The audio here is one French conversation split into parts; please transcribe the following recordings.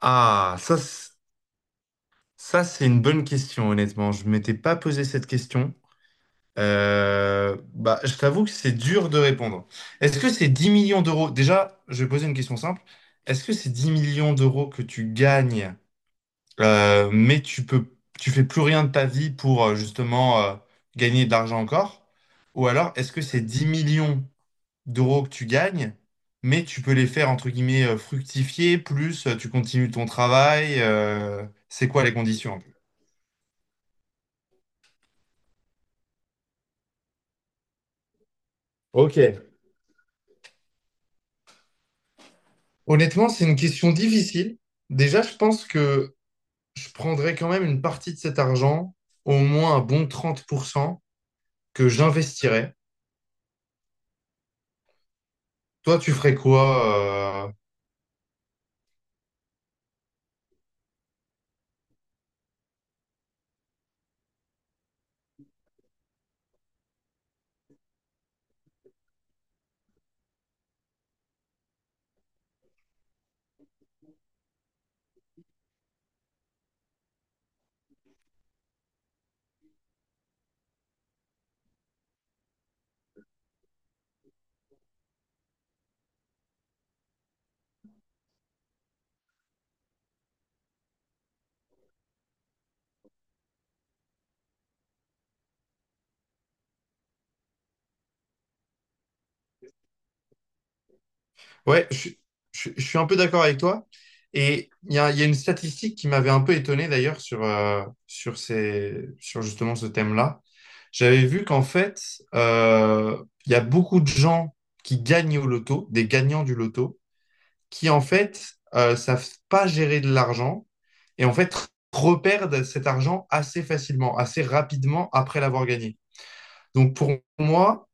Ah, ça, ça c'est une bonne question, honnêtement. Je m'étais pas posé cette question. Je t'avoue que c'est dur de répondre. Est-ce que c'est 10 millions d'euros? Déjà, je vais poser une question simple. Est-ce que c'est 10 millions d'euros que tu gagnes, mais tu peux, tu fais plus rien de ta vie pour justement gagner de l'argent encore? Ou alors, est-ce que c'est 10 millions d'euros que tu gagnes, mais tu peux les faire, entre guillemets, fructifier, plus tu continues ton travail. C'est quoi les conditions un peu? Ok. Honnêtement, c'est une question difficile. Déjà, je pense que je prendrais quand même une partie de cet argent, au moins un bon 30% que j'investirais. Toi, tu ferais quoi, ouais, je suis un peu d'accord avec toi. Et il y a une statistique qui m'avait un peu étonné d'ailleurs sur, sur justement ce thème-là. J'avais vu qu'en fait, il y a beaucoup de gens qui gagnent au loto, des gagnants du loto, qui en fait savent pas gérer de l'argent et en fait reperdent cet argent assez facilement, assez rapidement après l'avoir gagné. Donc pour moi,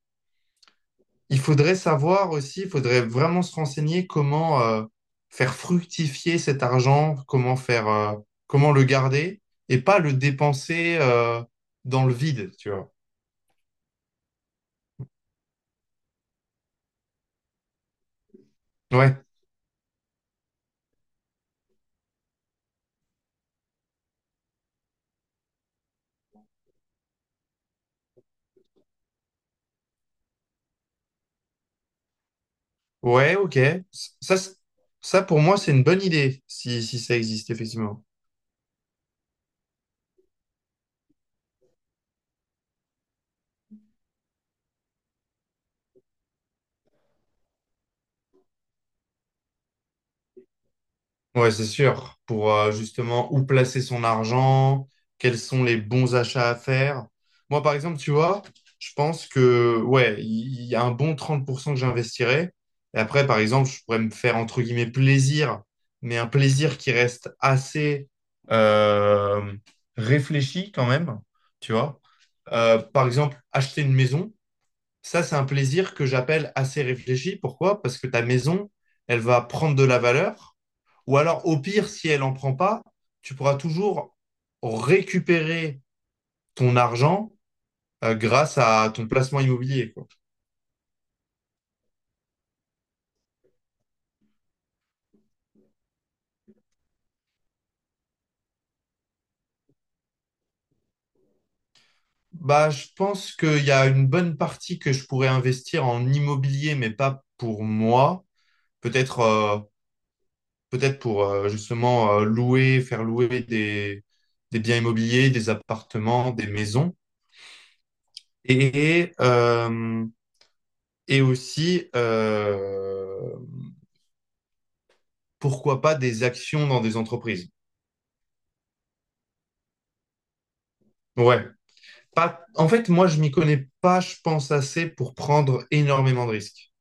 il faudrait savoir aussi, il faudrait vraiment se renseigner comment faire fructifier cet argent, comment faire, comment le garder et pas le dépenser dans le vide, tu vois. Ouais, ouais, ok. Ça, c'est- Ça pour moi, c'est une bonne idée si, si ça existe effectivement. Ouais, c'est sûr. Pour justement où placer son argent, quels sont les bons achats à faire. Moi, par exemple, tu vois, je pense que, ouais, il y a un bon 30% que j'investirais. Et après, par exemple, je pourrais me faire, entre guillemets, plaisir, mais un plaisir qui reste assez euh, réfléchi quand même, tu vois. Par exemple, acheter une maison. Ça, c'est un plaisir que j'appelle assez réfléchi. Pourquoi? Parce que ta maison, elle va prendre de la valeur. Ou alors, au pire, si elle n'en prend pas, tu pourras toujours récupérer ton argent grâce à ton placement immobilier, quoi. Bah, je pense qu'il y a une bonne partie que je pourrais investir en immobilier, mais pas pour moi. Peut-être euh, peut-être pour justement louer, faire louer des biens immobiliers, des appartements, des maisons. Et euh, et aussi, pourquoi pas, des actions dans des entreprises. Ouais. Pas... En fait, moi, je m'y connais pas, je pense, assez pour prendre énormément de risques.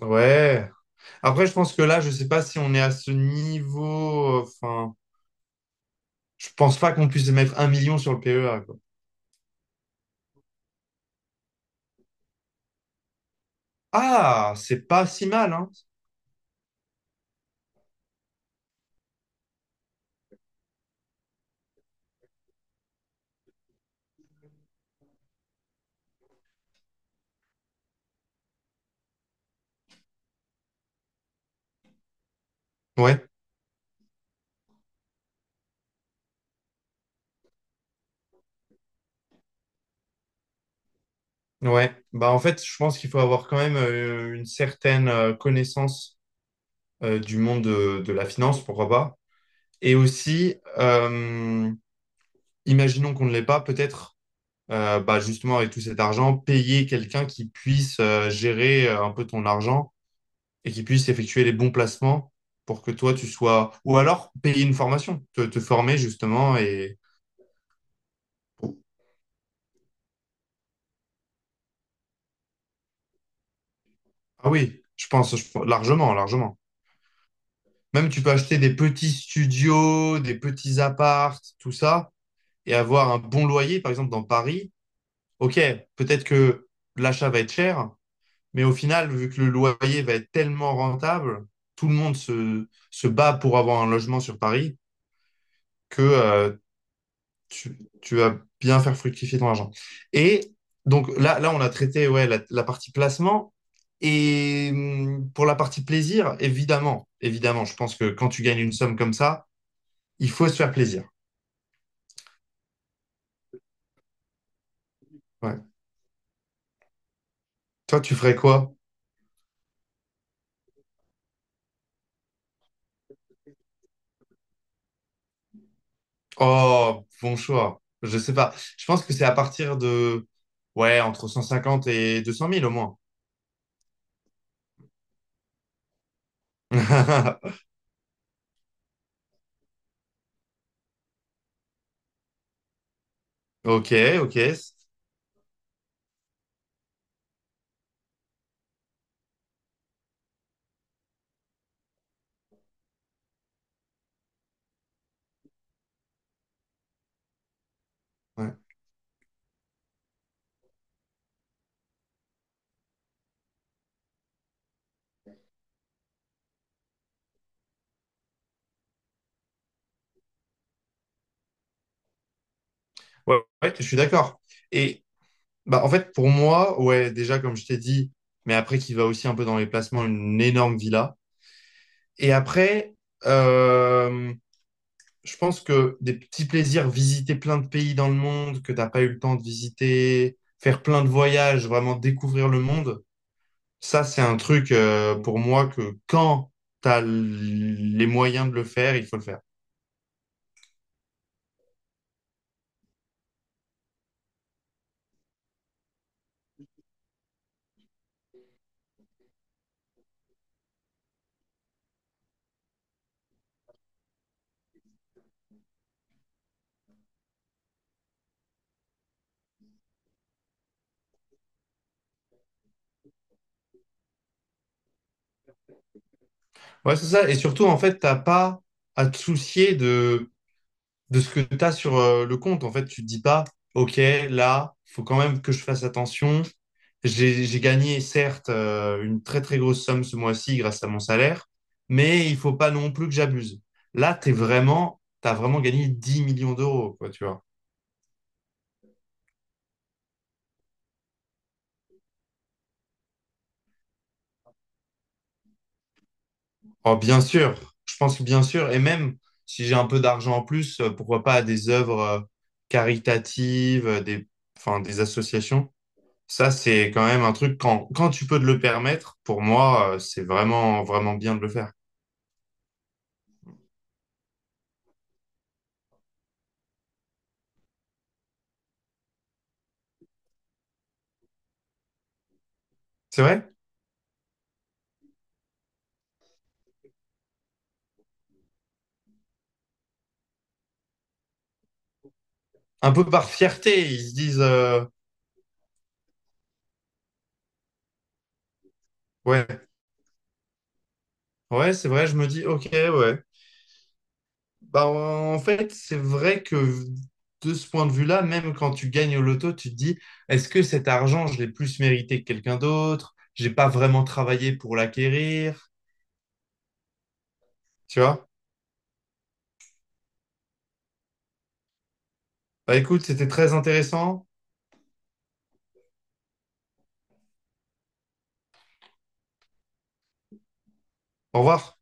Ouais. Après, je pense que là, je sais pas si on est à ce niveau. Enfin, je pense pas qu'on puisse mettre 1 million sur le PEA, quoi. Ah, c'est pas si mal, hein. Ouais, ouais. Bah, en fait, je pense qu'il faut avoir quand même une certaine connaissance du monde de la finance, pourquoi pas. Et aussi, imaginons qu'on ne l'ait pas, peut-être, justement, avec tout cet argent, payer quelqu'un qui puisse gérer un peu ton argent et qui puisse effectuer les bons placements pour que toi, tu sois... Ou alors, payer une formation, te former, justement. Et... Ah oui, largement, largement. Même, tu peux acheter des petits studios, des petits apparts, tout ça, et avoir un bon loyer, par exemple, dans Paris. Ok, peut-être que l'achat va être cher, mais au final, vu que le loyer va être tellement rentable, tout le monde se, se bat pour avoir un logement sur Paris que tu, tu vas bien faire fructifier ton argent. Et donc là, là on a traité ouais, la partie placement. Et pour la partie plaisir, évidemment, évidemment, je pense que quand tu gagnes une somme comme ça, il faut se faire plaisir. Ouais. Toi, tu ferais quoi? Oh, bon choix. Je sais pas. Je pense que c'est à partir de, ouais, entre 150 et 200 000 au moins. Ok, ok. c- ouais, ouais, ouais, je suis d'accord. Et bah, en fait, pour moi, ouais, déjà, comme je t'ai dit, mais après, qui va aussi un peu dans les placements, une énorme villa. Et après, euh, je pense que des petits plaisirs, visiter plein de pays dans le monde que t'as pas eu le temps de visiter, faire plein de voyages, vraiment découvrir le monde, ça, c'est un truc, pour moi, que quand les moyens de le faire, il faut le faire. Ouais, c'est ça. Et surtout, en fait, t'as pas à te soucier de ce que tu as sur le compte. En fait, tu te dis pas, OK, là, faut quand même que je fasse attention. J'ai gagné, certes, une très, très grosse somme ce mois-ci grâce à mon salaire, mais il faut pas non plus que j'abuse. Là, t'es vraiment, t'as vraiment gagné 10 millions d'euros, quoi, tu vois. Oh, bien sûr, je pense que bien sûr, et même si j'ai un peu d'argent en plus, pourquoi pas à des œuvres caritatives, enfin, des associations. Ça, c'est quand même un truc, quand, quand tu peux te le permettre, pour moi, c'est vraiment, vraiment bien de le faire. C'est vrai? Un peu par fierté, ils se disent, ouais, ouais, c'est vrai, je me dis, ok, ouais. Bah, en fait, c'est vrai que de ce point de vue-là, même quand tu gagnes au loto, tu te dis, est-ce que cet argent, je l'ai plus mérité que quelqu'un d'autre? J'ai pas vraiment travaillé pour l'acquérir, tu vois? Bah, écoute, c'était très intéressant. Au revoir.